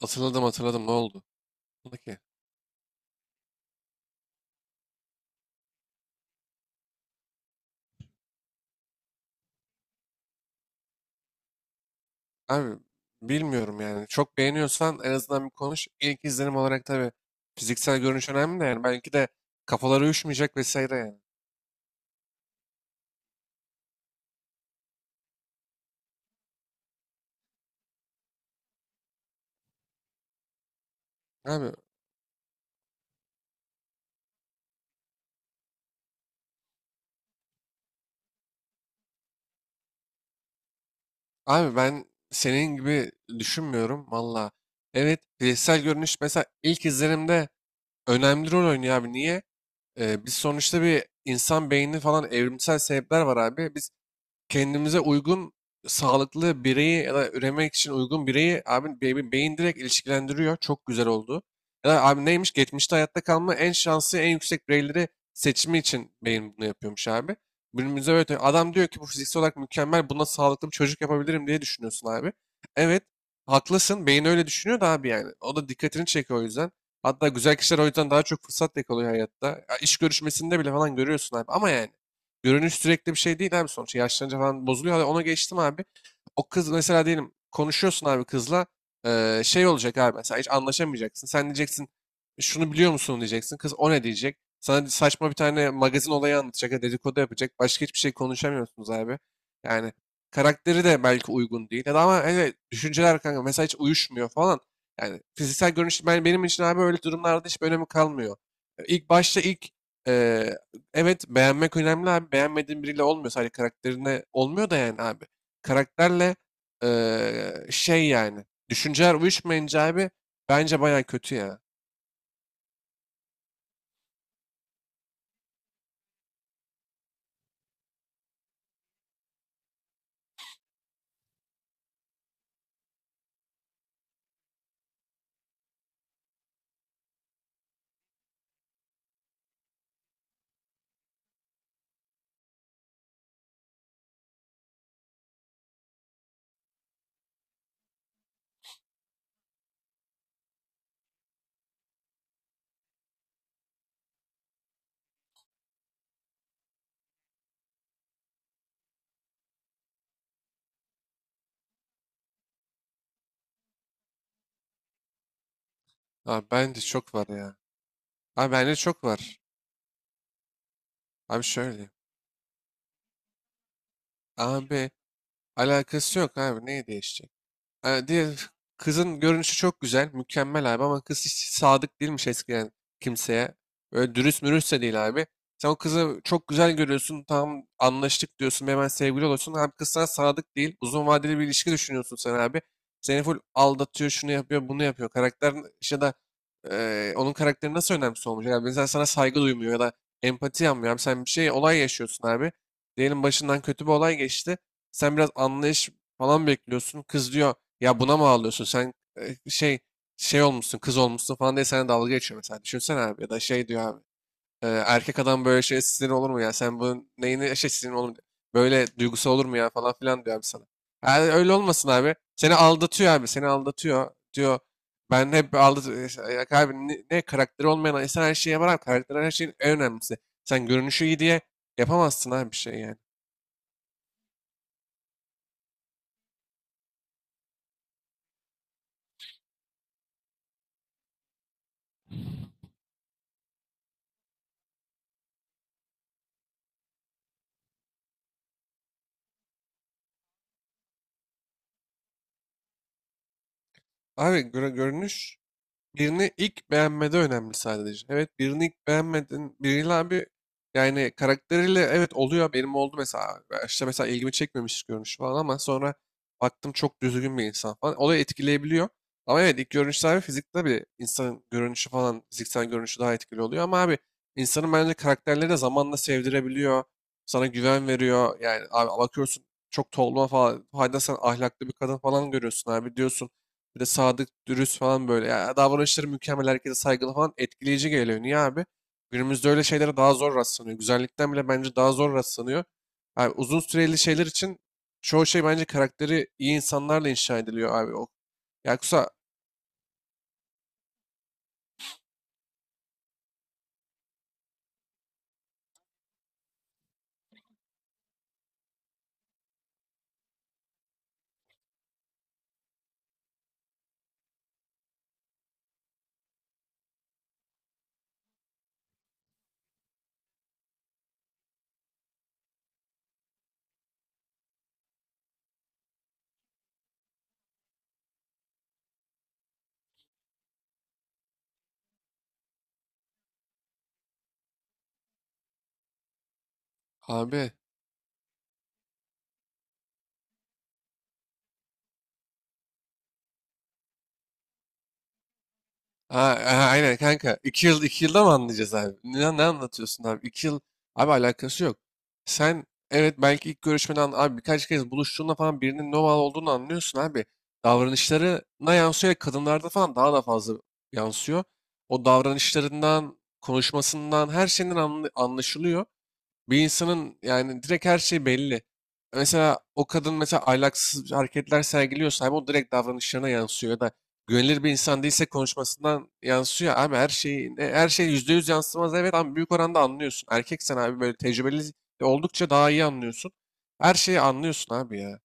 Hatırladım, hatırladım, ne oldu? Oldu ki. Abi bilmiyorum yani. Çok beğeniyorsan en azından bir konuş. İlk izlenim olarak tabii fiziksel görünüş önemli de yani. Belki de kafaları uyuşmayacak vesaire yani. Abi, abi, ben senin gibi düşünmüyorum valla. Evet, fiziksel görünüş mesela ilk izlenimde önemli rol oynuyor abi. Niye? Biz sonuçta bir insan beyni falan, evrimsel sebepler var abi. Biz kendimize uygun sağlıklı bireyi ya da üremek için uygun bireyi abi beyin direkt ilişkilendiriyor. Çok güzel oldu. Ya da abi, neymiş? Geçmişte hayatta kalma en şanslı en yüksek bireyleri seçimi için beyin bunu yapıyormuş abi. Günümüzde böyle tabii. Adam diyor ki bu fiziksel olarak mükemmel, buna sağlıklı bir çocuk yapabilirim diye düşünüyorsun abi. Evet, haklısın, beyin öyle düşünüyor da abi yani. O da dikkatini çekiyor o yüzden. Hatta güzel kişiler o yüzden daha çok fırsat yakalıyor hayatta. Ya iş görüşmesinde bile falan görüyorsun abi ama yani. Görünüş sürekli bir şey değil abi sonuçta. Yaşlanınca falan bozuluyor. Hadi ona geçtim abi. O kız mesela, diyelim konuşuyorsun abi kızla. Şey olacak abi, mesela hiç anlaşamayacaksın. Sen diyeceksin, şunu biliyor musun diyeceksin. Kız o ne diyecek? Sana saçma bir tane magazin olayı anlatacak. Dedikodu yapacak. Başka hiçbir şey konuşamıyorsunuz abi. Yani karakteri de belki uygun değil. Ya da, ama evet, düşünceler kanka mesela hiç uyuşmuyor falan. Yani fiziksel görünüş benim için abi öyle durumlarda hiç önemi kalmıyor. İlk başta ilk e, evet, beğenmek önemli abi. Beğenmediğin biriyle olmuyor. Sadece karakterine olmuyor da yani abi. Karakterle şey yani. Düşünceler uyuşmayınca abi bence baya kötü ya. Abi bence çok var ya. Abi bence çok var. Abi şöyle. Abi, alakası yok abi. Neyi değişecek? Diğer kızın görünüşü çok güzel, mükemmel abi, ama kız hiç sadık değilmiş eskiden kimseye. Öyle dürüst mürüst de değil abi. Sen o kızı çok güzel görüyorsun, tam anlaştık diyorsun, hemen sevgili oluyorsun. Abi kız sana sadık değil, uzun vadeli bir ilişki düşünüyorsun sen abi. Seni full aldatıyor, şunu yapıyor, bunu yapıyor. Karakter ya da onun karakteri nasıl önemsiz olmuş? Yani mesela sana saygı duymuyor ya da empati yapmıyor. Abi sen bir şey, olay yaşıyorsun abi. Diyelim başından kötü bir olay geçti. Sen biraz anlayış falan bekliyorsun. Kız diyor ya, buna mı ağlıyorsun sen, e, şey şey olmuşsun, kız olmuşsun falan diye sana dalga geçiyor mesela. Düşünsene abi, ya da şey diyor abi. Erkek adam böyle şey, sinir olur mu ya, sen bunun neyini şey, sinir olur mu? Böyle duygusu olur mu ya falan filan diyor abi sana. Yani öyle olmasın abi. Seni aldatıyor abi, seni aldatıyor diyor. Ben hep aldat işte, ya abi, ne karakteri olmayan insan her şeye var abi. Karakter her şeyin en önemlisi. Sen görünüşü iyi diye yapamazsın abi bir şey yani. Abi görünüş birini ilk beğenmede önemli sadece. Evet, birini ilk beğenmedin. Biriyle abi yani karakteriyle evet oluyor. Benim oldu mesela. Başta mesela ilgimi çekmemiş görünüş falan, ama sonra baktım çok düzgün bir insan falan. Olayı etkileyebiliyor. Ama evet, ilk görünüşte abi fizikte bir insanın görünüşü falan, fiziksel görünüşü daha etkili oluyor. Ama abi insanın bence karakterleri de zamanla sevdirebiliyor. Sana güven veriyor. Yani abi bakıyorsun çok tolma falan. Hayda, sen ahlaklı bir kadın falan görüyorsun abi, diyorsun. Bir de sadık, dürüst falan böyle. Ya davranışları mükemmel, herkese saygılı falan, etkileyici geliyor. Niye abi? Günümüzde öyle şeylere daha zor rastlanıyor. Güzellikten bile bence daha zor rastlanıyor. Abi uzun süreli şeyler için çoğu şey bence karakteri iyi insanlarla inşa ediliyor abi. O, yoksa abi. Ha, ha, aynen kanka. 2 yıl, 2 yılda mı anlayacağız abi? Ne anlatıyorsun abi? 2 yıl, abi alakası yok. Sen evet belki ilk görüşmeden abi birkaç kez buluştuğunda falan birinin normal olduğunu anlıyorsun abi. Davranışlarına yansıyor, ve kadınlarda falan daha da fazla yansıyor. O davranışlarından, konuşmasından, her şeyinden anlaşılıyor. Bir insanın yani direkt her şey belli. Mesela o kadın mesela ahlaksız hareketler sergiliyorsa abi o direkt davranışlarına yansıyor, ya da güvenilir bir insan değilse konuşmasından yansıyor. Abi her şeyi her şey %100 yansımaz evet, ama büyük oranda anlıyorsun. Erkeksen abi böyle tecrübeli de oldukça daha iyi anlıyorsun. Her şeyi anlıyorsun abi ya.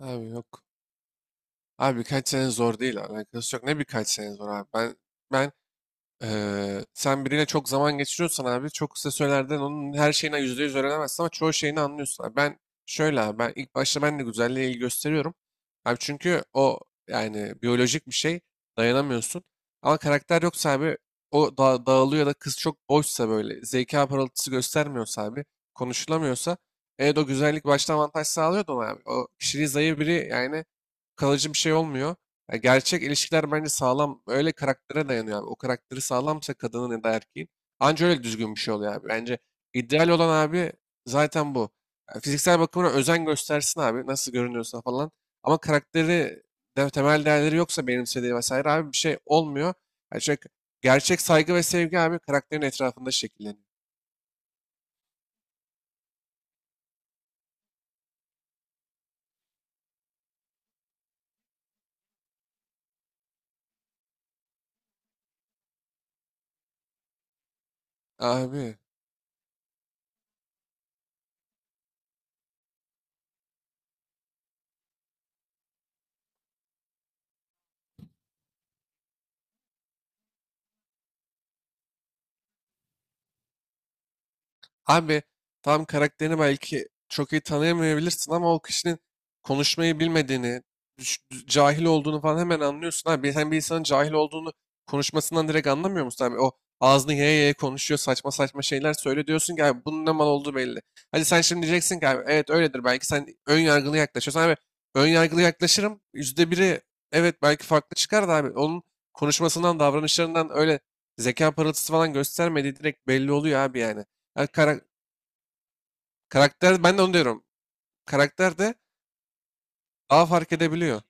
Abi yok. Abi birkaç sene zor değil, alakası yok. Ne birkaç sene zor abi. Ben ben sen biriyle çok zaman geçiriyorsan abi çok kısa sürelerden onun her şeyine %100 öğrenemezsin, ama çoğu şeyini anlıyorsun. Abi ben şöyle, abi ben ilk başta ben de güzelliğe ilgi gösteriyorum. Abi çünkü o yani biyolojik bir şey, dayanamıyorsun. Ama karakter yoksa abi o da dağılıyor, ya da kız çok boşsa, böyle zeka parıltısı göstermiyorsa abi, konuşulamıyorsa, evet o güzellik başta avantaj sağlıyor da ona abi. O, kişiliği zayıf biri yani, kalıcı bir şey olmuyor. Ya gerçek ilişkiler bence sağlam öyle karaktere dayanıyor abi. O karakteri sağlamsa kadının ya da erkeğin, anca öyle düzgün bir şey oluyor abi. Bence ideal olan abi zaten bu. Ya fiziksel bakımına özen göstersin abi, nasıl görünüyorsa falan. Ama karakteri de, temel değerleri yoksa benimsediği vesaire abi, bir şey olmuyor. Yani çünkü gerçek saygı ve sevgi abi karakterin etrafında şekilleniyor. Abi, abi tam karakterini belki çok iyi tanıyamayabilirsin, ama o kişinin konuşmayı bilmediğini, düş- cahil olduğunu falan hemen anlıyorsun. Abi sen bir insanın cahil olduğunu konuşmasından direkt anlamıyor musun abi? O ağzını yaya yaya konuşuyor, saçma saçma şeyler söyle, diyorsun ki abi bunun ne mal olduğu belli. Hadi sen şimdi diyeceksin ki abi evet öyledir, belki sen ön yargılı yaklaşıyorsun. Abi ön yargılı yaklaşırım %1'i, evet belki farklı çıkar da abi, onun konuşmasından, davranışlarından öyle zeka parıltısı falan göstermediği direkt belli oluyor abi yani. Yani karakter, ben de onu diyorum. Karakter de daha fark edebiliyor.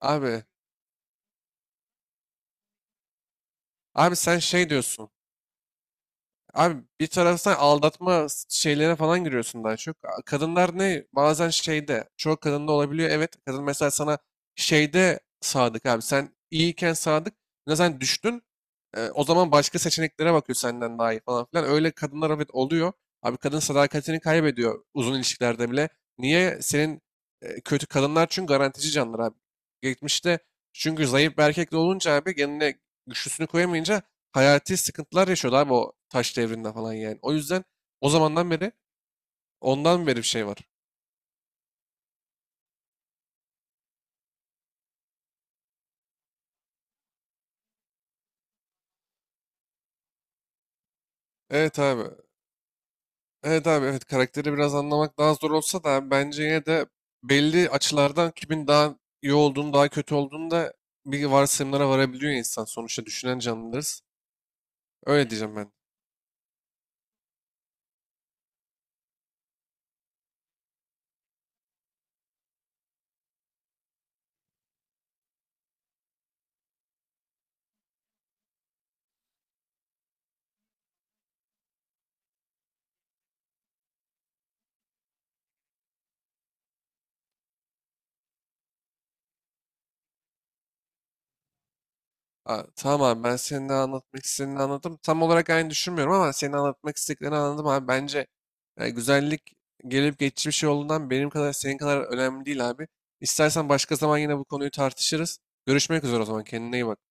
Abi abi sen şey diyorsun. Abi bir taraftan aldatma şeylerine falan giriyorsun daha çok. Kadınlar ne? Bazen şeyde, çoğu kadında olabiliyor. Evet, kadın mesela sana şeyde sadık abi. Sen iyiyken sadık. Ne, sen düştün. O zaman başka seçeneklere bakıyor, senden daha iyi falan filan. Öyle kadınlar evet oluyor. Abi kadın sadakatini kaybediyor uzun ilişkilerde bile. Niye? Senin kötü kadınlar çünkü garantici canlılar abi. Geçmişte çünkü zayıf bir erkek de olunca abi, kendine güçlüsünü koyamayınca hayati sıkıntılar yaşıyordu abi, o taş devrinde falan yani. O yüzden o zamandan beri, ondan beri bir şey var. Evet abi. Evet abi, evet, karakteri biraz anlamak daha zor olsa da abi bence yine de belli açılardan kimin daha iyi olduğunu, daha kötü olduğunu da bir varsayımlara varabiliyor insan. Sonuçta düşünen canlılarız. Öyle diyeceğim ben. Aa, tamam abi, ben senin de anlatmak istediğini anladım. Tam olarak aynı düşünmüyorum ama senin anlatmak istediklerini anladım abi. Bence yani güzellik gelip geçici bir şey olduğundan benim kadar, senin kadar önemli değil abi. İstersen başka zaman yine bu konuyu tartışırız. Görüşmek üzere o zaman, kendine iyi bak.